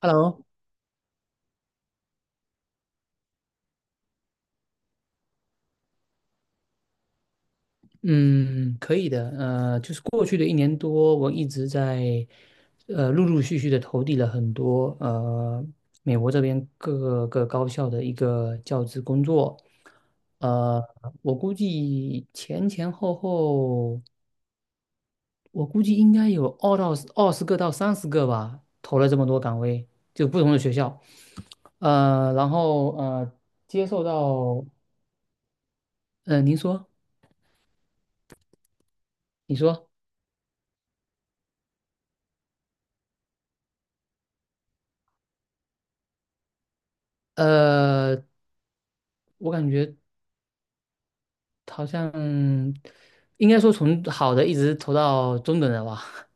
Hello，嗯，可以的。就是过去的一年多，我一直在陆陆续续的投递了很多美国这边各个高校的一个教职工作。呃，我估计前前后后，我估计应该有二十个到三十个吧，投了这么多岗位，就不同的学校。呃，然后呃，接受到您说，你说，呃，我感觉。好像应该说从好的一直投到中等的吧。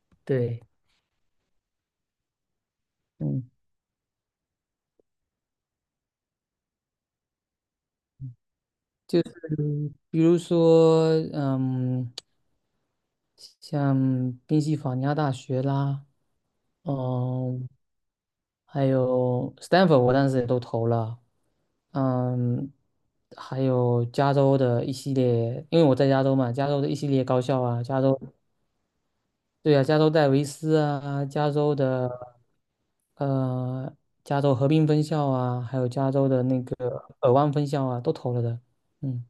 对，嗯，就是比如说，像宾夕法尼亚大学啦，嗯，还有 Stanford，我当时也都投了，嗯，还有加州的一系列，因为我在加州嘛，加州的一系列高校啊，加州，对啊，加州戴维斯啊，加州的。呃，加州河滨分校啊，还有加州的那个尔湾分校啊，都投了的。嗯，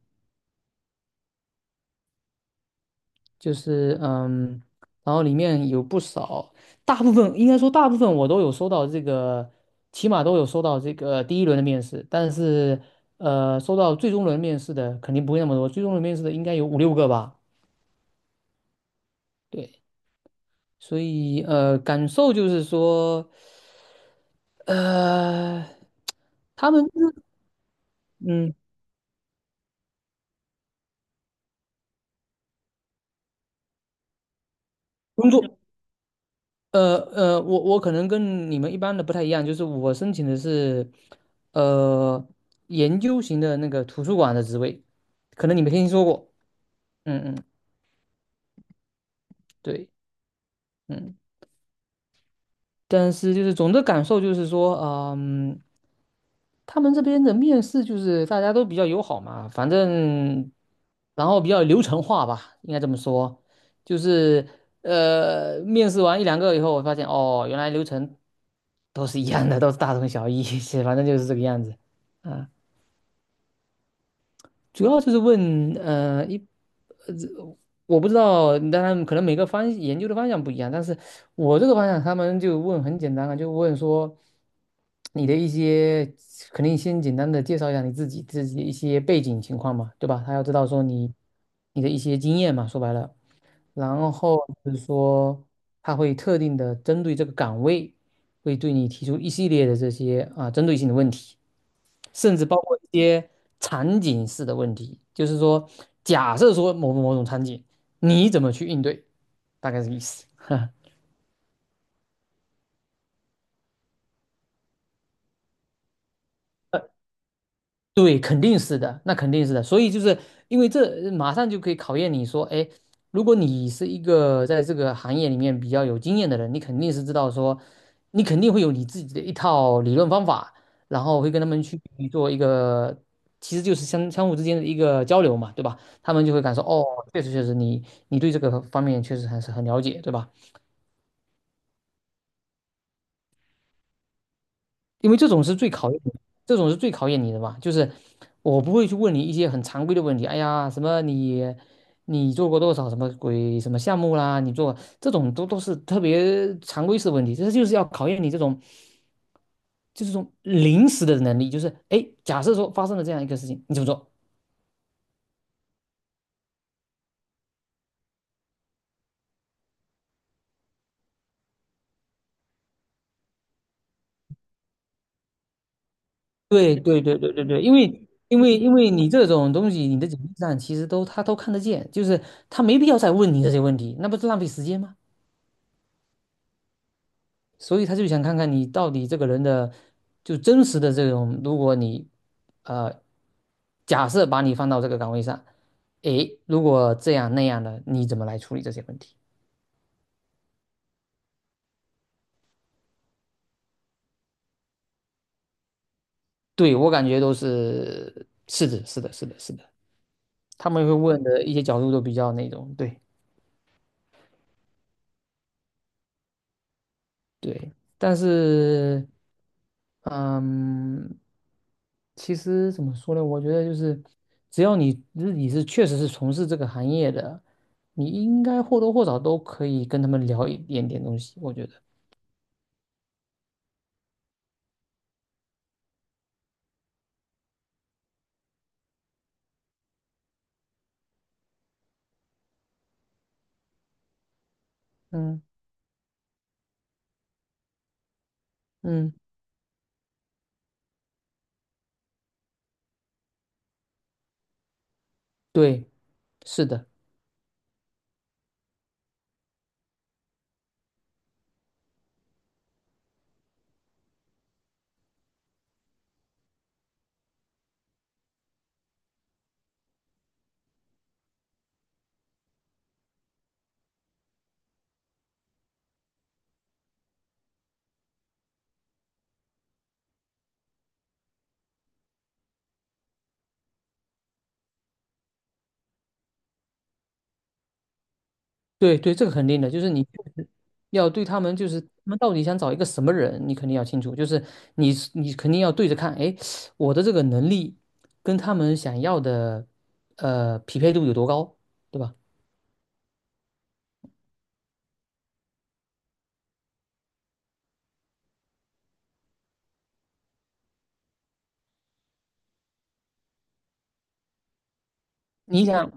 就是然后里面有不少，大部分应该说大部分我都有收到这个，起码都有收到这个第一轮的面试，但是收到最终轮面试的肯定不会那么多，最终轮面试的应该有五六个吧。对，所以感受就是说，呃，他们是嗯，工作。我可能跟你们一般的不太一样，就是我申请的是，呃，研究型的那个图书馆的职位，可能你没听说过，嗯嗯，对，嗯，但是就是总的感受就是说，他们这边的面试就是大家都比较友好嘛，反正然后比较流程化吧，应该这么说，就是面试完一两个以后，我发现哦，原来流程都是一样的，都是大同小异，是反正就是这个样子，啊，主要就是问呃一呃我不知道，当然可能每个研究的方向不一样，但是我这个方向他们就问很简单啊，就问说。你的一些，肯定先简单的介绍一下你自己的一些背景情况嘛，对吧？他要知道说你的一些经验嘛，说白了，然后就是说他会特定的针对这个岗位，会对你提出一系列的这些啊针对性的问题，甚至包括一些场景式的问题，就是说假设说某某某种场景，你怎么去应对，大概是意思。对，肯定是的，那肯定是的。所以就是因为这马上就可以考验你说，哎，如果你是一个在这个行业里面比较有经验的人，你肯定是知道说，你肯定会有你自己的一套理论方法，然后会跟他们去做一个，其实就是相互之间的一个交流嘛，对吧？他们就会感受，哦，确实你对这个方面确实还是很了解，对吧？因为这种是最考验你这种是最考验你的吧？就是我不会去问你一些很常规的问题，哎呀，什么你做过多少什么鬼什么项目啦，你做这种都是特别常规式的问题，这就是要考验你这种就是这种临时的能力，就是哎，假设说发生了这样一个事情，你怎么做？对对对对对对，因为。因为你这种东西，你的简历上其实都他都看得见，就是他没必要再问你这些问题，那不是浪费时间吗？所以他就想看看你到底这个人的就真实的这种，如果你呃假设把你放到这个岗位上，诶，如果这样那样的，你怎么来处理这些问题？对，我感觉都是是的，是的，是的，是的，他们会问的一些角度都比较那种，对。对，但是，嗯，其实怎么说呢？我觉得就是，只要你自己是确实是从事这个行业的，你应该或多或少都可以跟他们聊一点点东西。我觉得，嗯嗯，对，是的。对对，这个肯定的，就是你确实要对他们，就是他们到底想找一个什么人，你肯定要清楚，就是你肯定要对着看，哎，我的这个能力跟他们想要的匹配度有多高，对吧？你想，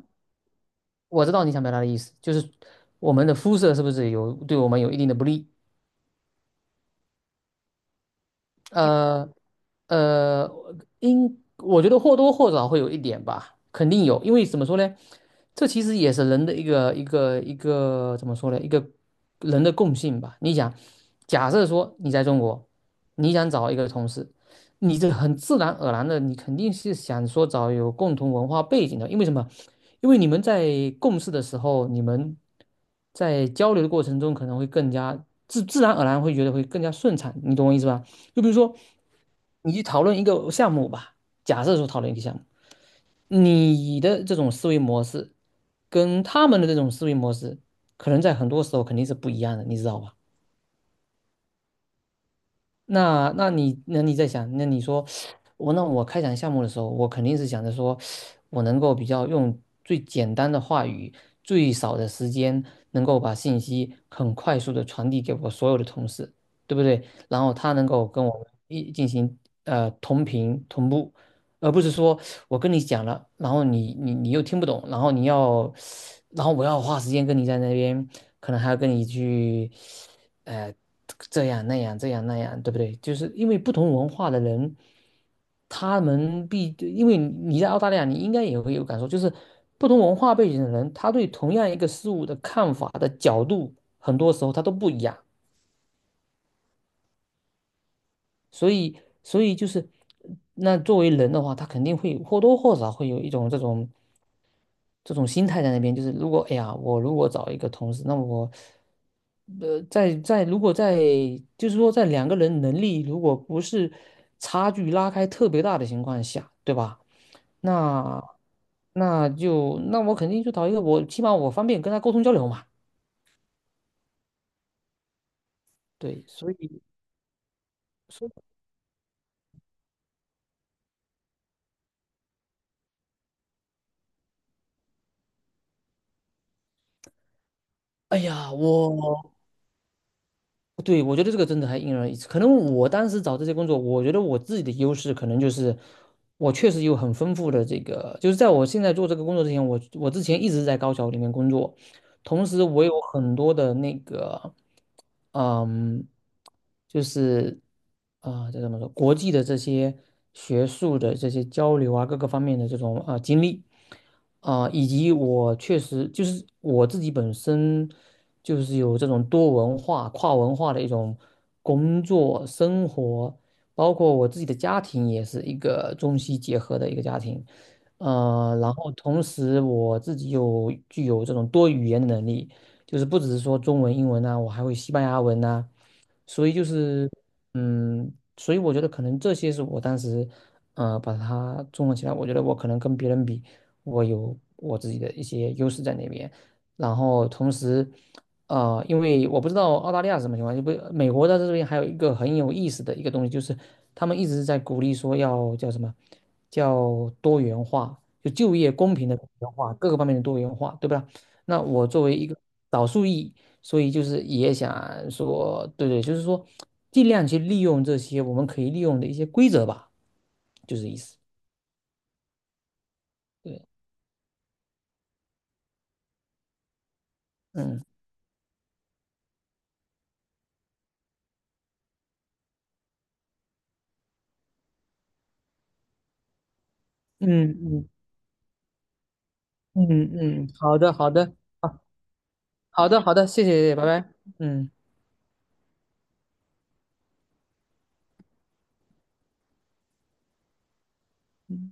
我知道你想表达的意思，就是我们的肤色是不是对我们有一定的不利，呃呃，我觉得或多或少会有一点吧，肯定有，因为怎么说呢，这其实也是人的一个怎么说呢，一个人的共性吧。你想，假设说你在中国，你想找一个同事，你这很自然而然的，你肯定是想说找有共同文化背景的，因为什么？因为你们在共事的时候，你们在交流的过程中可能会更加自然而然会觉得会更加顺畅，你懂我意思吧？就比如说，你去讨论一个项目吧，假设说讨论一个项目，你的这种思维模式跟他们的这种思维模式，可能在很多时候肯定是不一样的，你知道吧？那你在想，那你说那我开展项目的时候，我肯定是想着说，我能够比较用最简单的话语，最少的时间，能够把信息很快速的传递给我所有的同事，对不对？然后他能够跟我们一进行同频同步，而不是说我跟你讲了，然后你你又听不懂，然后你要，然后我要花时间跟你在那边，可能还要跟你去，呃，这样那样这样那样，对不对？就是因为不同文化的人，他们必，因为你在澳大利亚，你应该也会有感受，就是不同文化背景的人，他对同样一个事物的看法的角度，很多时候他都不一样，所以就是。那作为人的话，他肯定会或多或少会有一种这种心态在那边，就是如果哎呀，我如果找一个同事，那我在如果在就是说在两个人能力如果不是差距拉开特别大的情况下，对吧？那就那我肯定就找一个我起码我方便跟他沟通交流嘛。对，所以说，哎呀，对，我觉得这个真的还因人而异。可能我当时找这些工作，我觉得我自己的优势可能就是，我确实有很丰富的这个，就是在我现在做这个工作之前，我之前一直在高校里面工作，同时我有很多的那个，嗯，就是啊，这、怎么说，国际的这些学术的这些交流啊，各个方面的这种啊、经历。啊、以及我确实就是我自己本身就是有这种多文化、跨文化的一种工作、生活，包括我自己的家庭也是一个中西结合的一个家庭，然后同时我自己又具有这种多语言的能力，就是不只是说中文、英文呐、我还会西班牙文呐、所以就是嗯，所以我觉得可能这些是我当时把它综合起来，我觉得我可能跟别人比。我有我自己的一些优势在那边。然后同时，因为我不知道澳大利亚是什么情况，就不美国在这边还有一个很有意思的一个东西，就是他们一直在鼓励说要叫什么，叫多元化，就业公平的多元化，各个方面的多元化，对吧？那我作为一个少数裔，所以就是也想说，对对，就是说尽量去利用这些我们可以利用的一些规则吧，就是意思。对，嗯。嗯嗯，嗯嗯，好的好的，好好的好的，谢谢，拜拜，嗯。嗯